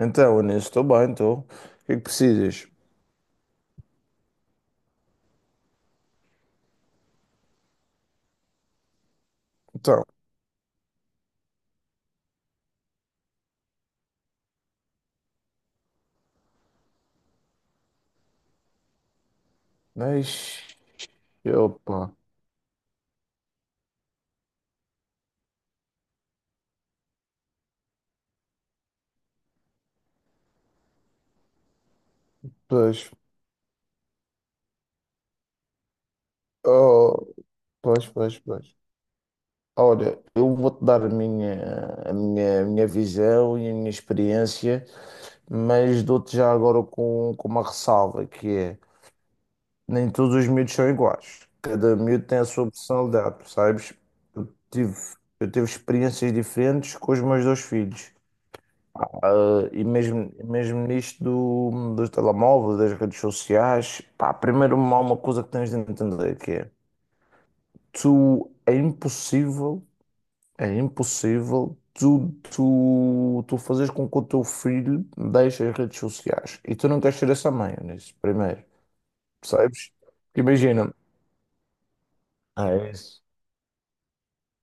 Então, Anil, estou bem, estou. O que é que precisas? Então, mas. Opa, pois. Oh, pois, pois, pois. Olha, eu vou-te dar a minha visão e a minha experiência, mas dou-te já agora com uma ressalva, que é, nem todos os miúdos são iguais. Cada miúdo tem a sua personalidade, percebes? Eu tive, eu tive experiências diferentes com os meus dois filhos. Ah, e mesmo nisto dos telemóveis, das redes sociais, pá, primeiro há uma coisa que tens de entender que é, tu, é impossível tu fazeres com que o teu filho deixe as redes sociais e tu não queres ser essa mãe nisso, primeiro, percebes? Porque imagina, ah, é isso.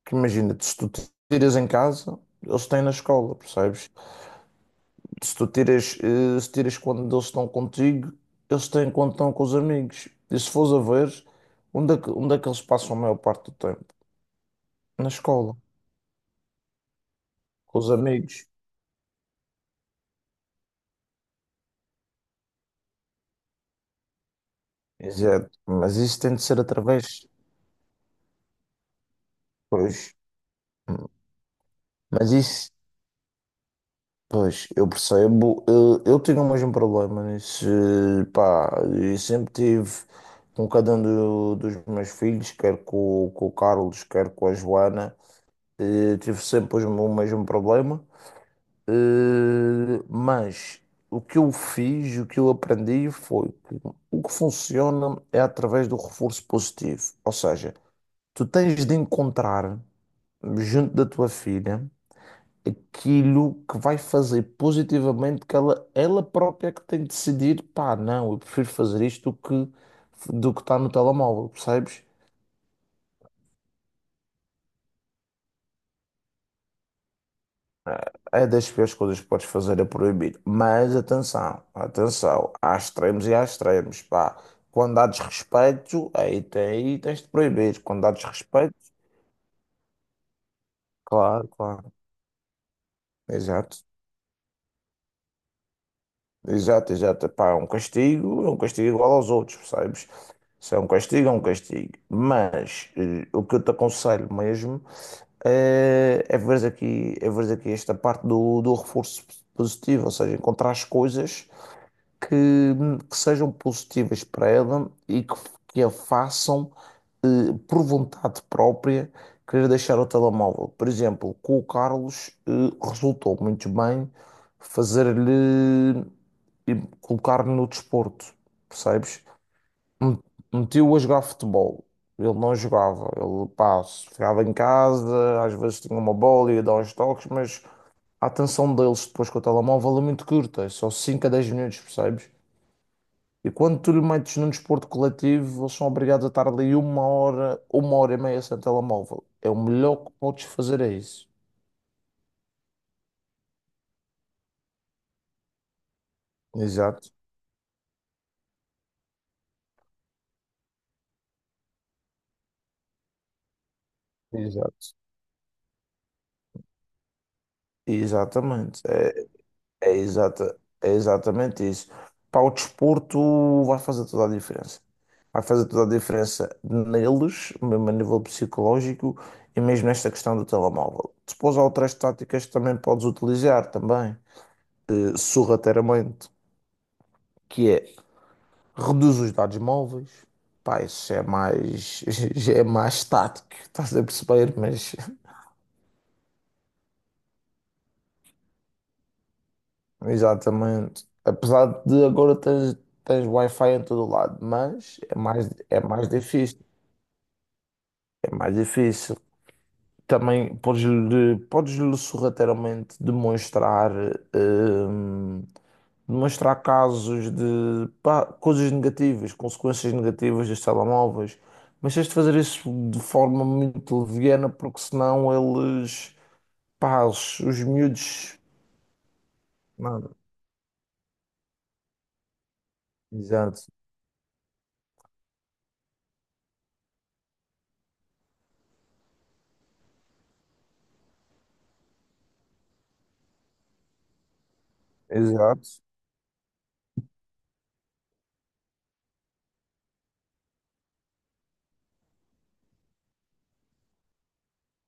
Que imagina, se tu tiras em casa, eles têm na escola, percebes? Se tu tiras, se tiras quando eles estão contigo, eles têm quando estão com os amigos. E se fores a ver, onde é que eles passam a maior parte do tempo? Na escola, com os amigos. Exato. Mas isso tem de ser através. Pois. Mas isso, pois, eu percebo. Eu tinha o mesmo problema nisso. Pá, e sempre tive com cada um dos meus filhos, quer com o Carlos, quer com a Joana, tive sempre o mesmo problema. Mas o que eu fiz, o que eu aprendi foi que o que funciona é através do reforço positivo. Ou seja, tu tens de encontrar junto da tua filha aquilo que vai fazer positivamente que ela própria que tem de decidir, pá, não, eu prefiro fazer isto do que está no telemóvel, percebes? É das piores coisas que podes fazer é proibir. Mas atenção, atenção, há extremos e há extremos, pá. Quando há desrespeito, aí, aí tens de proibir. Quando há desrespeito, claro, claro. Exato, exato, exato. Pá, é um castigo igual aos outros, percebes? Se é um castigo, é um castigo. Mas o que eu te aconselho mesmo é, é veres aqui esta parte do reforço positivo, ou seja, encontrar as coisas que, sejam positivas para ela e que, a façam por vontade própria querer deixar o telemóvel. Por exemplo, com o Carlos resultou muito bem fazer-lhe e colocar-lhe no desporto, percebes? M- Meti-o a jogar futebol. Ele não jogava, ele pá, ficava em casa, às vezes tinha uma bola e ia dar uns toques, mas a atenção deles depois com o telemóvel é muito curta, é só 5 a 10 minutos, percebes? E quando tu lhe metes num desporto coletivo, eles são obrigados a estar ali uma hora e meia sem telemóvel. É o melhor que podes fazer, é isso. Exato, exato. Exatamente. Exata, é exatamente isso. Para o desporto vai fazer toda a diferença. Vai fazer toda a diferença neles, mesmo a nível psicológico, e mesmo nesta questão do telemóvel. Depois há outras táticas que também podes utilizar também, sorrateiramente, que é reduz os dados móveis. Pá, isso é mais, já é mais estático, estás a perceber? Mas, exatamente. Apesar de agora tens Wi-Fi em todo lado, mas é mais difícil. É mais difícil. Também podes-lhe sorrateiramente demonstrar hum, demonstrar casos de pá, coisas negativas, consequências negativas dos telemóveis, mas tens de fazer isso de forma muito leviana, porque senão eles, pá, os miúdos. Nada. Exato, exato.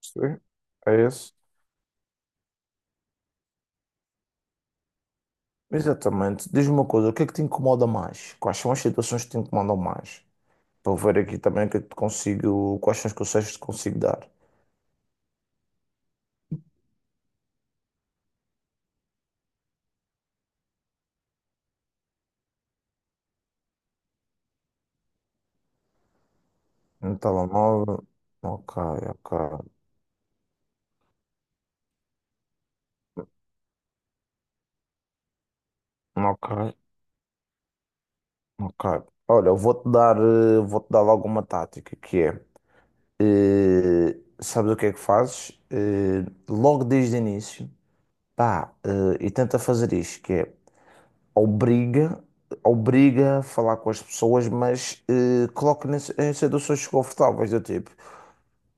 Sim, é isso. Exatamente. Diz-me uma coisa, o que é que te incomoda mais? Quais são as situações que te incomodam mais? Para eu ver aqui também o que é que te consigo, quais são os conselhos que te consigo dar. No telemóvel. Ok, ok. Ok, ok. Olha, eu vou-te dar, eh, vou-te dar logo uma tática que é, sabes o que é que fazes? Logo desde o início, pá, e tenta fazer isto, que é obriga, obriga a falar com as pessoas, mas coloca em situações desconfortáveis do tipo,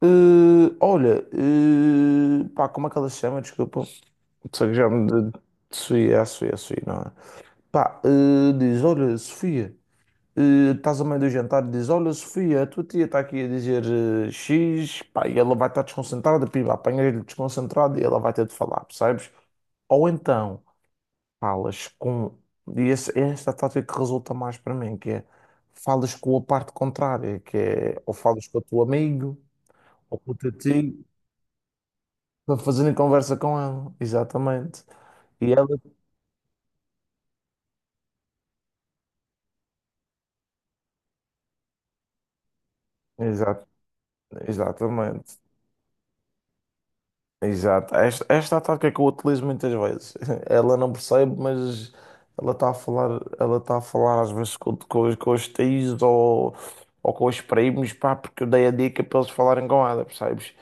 olha, pá, como é que ela se chama? Desculpa, sei que já me de Sofia, é a Sofia, não é? Pá, diz, olha, Sofia. Estás a meio do jantar e dizes: olha, Sofia, a tua tia está aqui a dizer X, pá, e ela vai estar desconcentrada, pimba, apanhas-lhe desconcentrado e ela vai ter de falar, percebes? Ou então falas com. E esta tática que resulta mais para mim, que é falas com a parte contrária, que é ou falas com o teu amigo ou com o teu tio para fazerem conversa com ela, exatamente. E ela, exato, exatamente. Exato. Esta é a tática que eu utilizo muitas vezes. Ela não percebe, mas ela está a falar às vezes com os tios ou com os primos, pá, porque eu dei a dica para eles falarem com ela, percebes?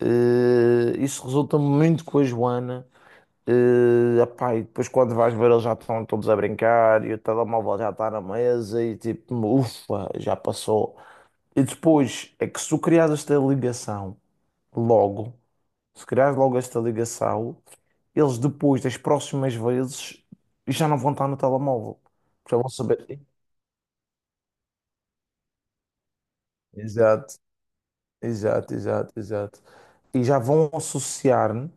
Isso resulta muito com a Joana. Epá, e depois quando vais ver eles já estão todos a brincar e o telemóvel já está na mesa e tipo, ufa, já passou. E depois é que se tu criares esta ligação logo. Se criares logo esta ligação, eles depois das próximas vezes já não vão estar no telemóvel. Já vão saber. Exato, exato, exato, exato. E já vão associar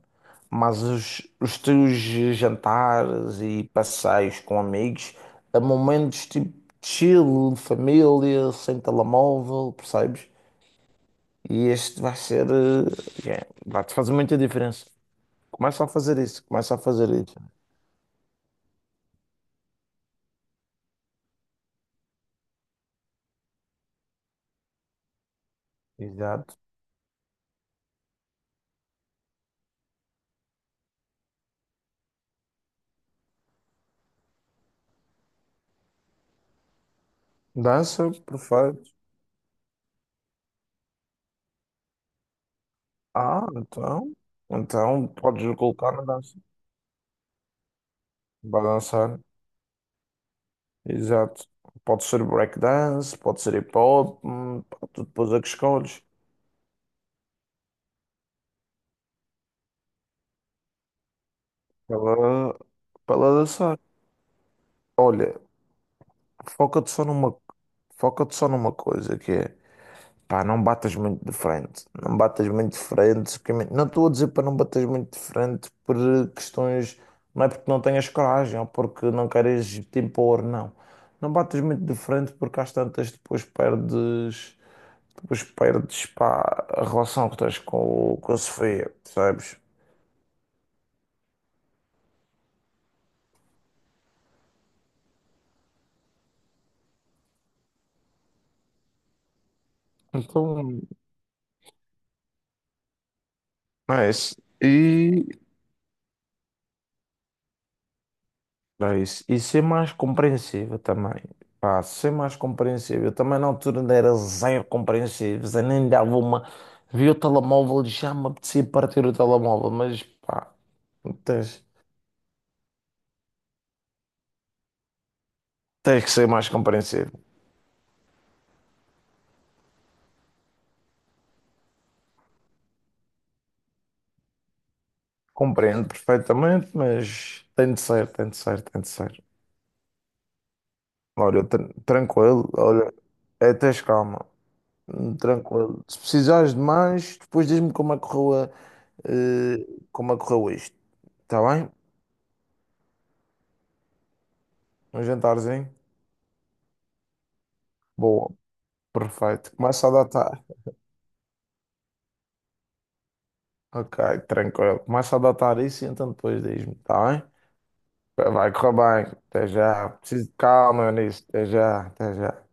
mas os teus jantares e passeios com amigos a momentos tipo chill, família, sem telemóvel, percebes? E este vai ser, yeah, vai-te fazer muita diferença. Começa a fazer isso, começa a fazer isso. Exato. Dança, perfeito. Ah, então. Então podes colocar na dança. Vai dançar. Exato. Pode ser breakdance, pode ser hip hop, pá, tu depois é que escolhes. Para ela Para ela dançar. Olha, foca-te só numa, foca-te só numa coisa que é. Pá, não batas muito de frente. Não batas muito de frente. Que Não estou a dizer para não bateres muito de frente por questões. Não é porque não tenhas coragem ou porque não queres te impor, não. Não batas muito de frente porque às tantas depois perdes. Depois perdes, pá, a relação que tens com, com a Sofia, sabes? Então, é isso. e É isso. E ser mais compreensível também. Pá, ser mais compreensível. Eu também na altura ainda era zero compreensível. Eu nem dava uma. Vi o telemóvel e já me apetecia partir o telemóvel. Mas pá, tens, tens que ser mais compreensível. Compreendo perfeitamente, mas tem de ser, tem de ser, tem de ser. Olha, tranquilo, olha, é, tens calma. Tranquilo. Se precisares de mais, depois diz-me como é que correu, eh, como é que correu isto. Está bem? Um jantarzinho. Boa, perfeito. Começa a datar. Ok, tranquilo. Começa a datar isso e então depois diz-me, tá bem? Vai correr bem. Até já. Preciso de calma nisso. Até já, até já.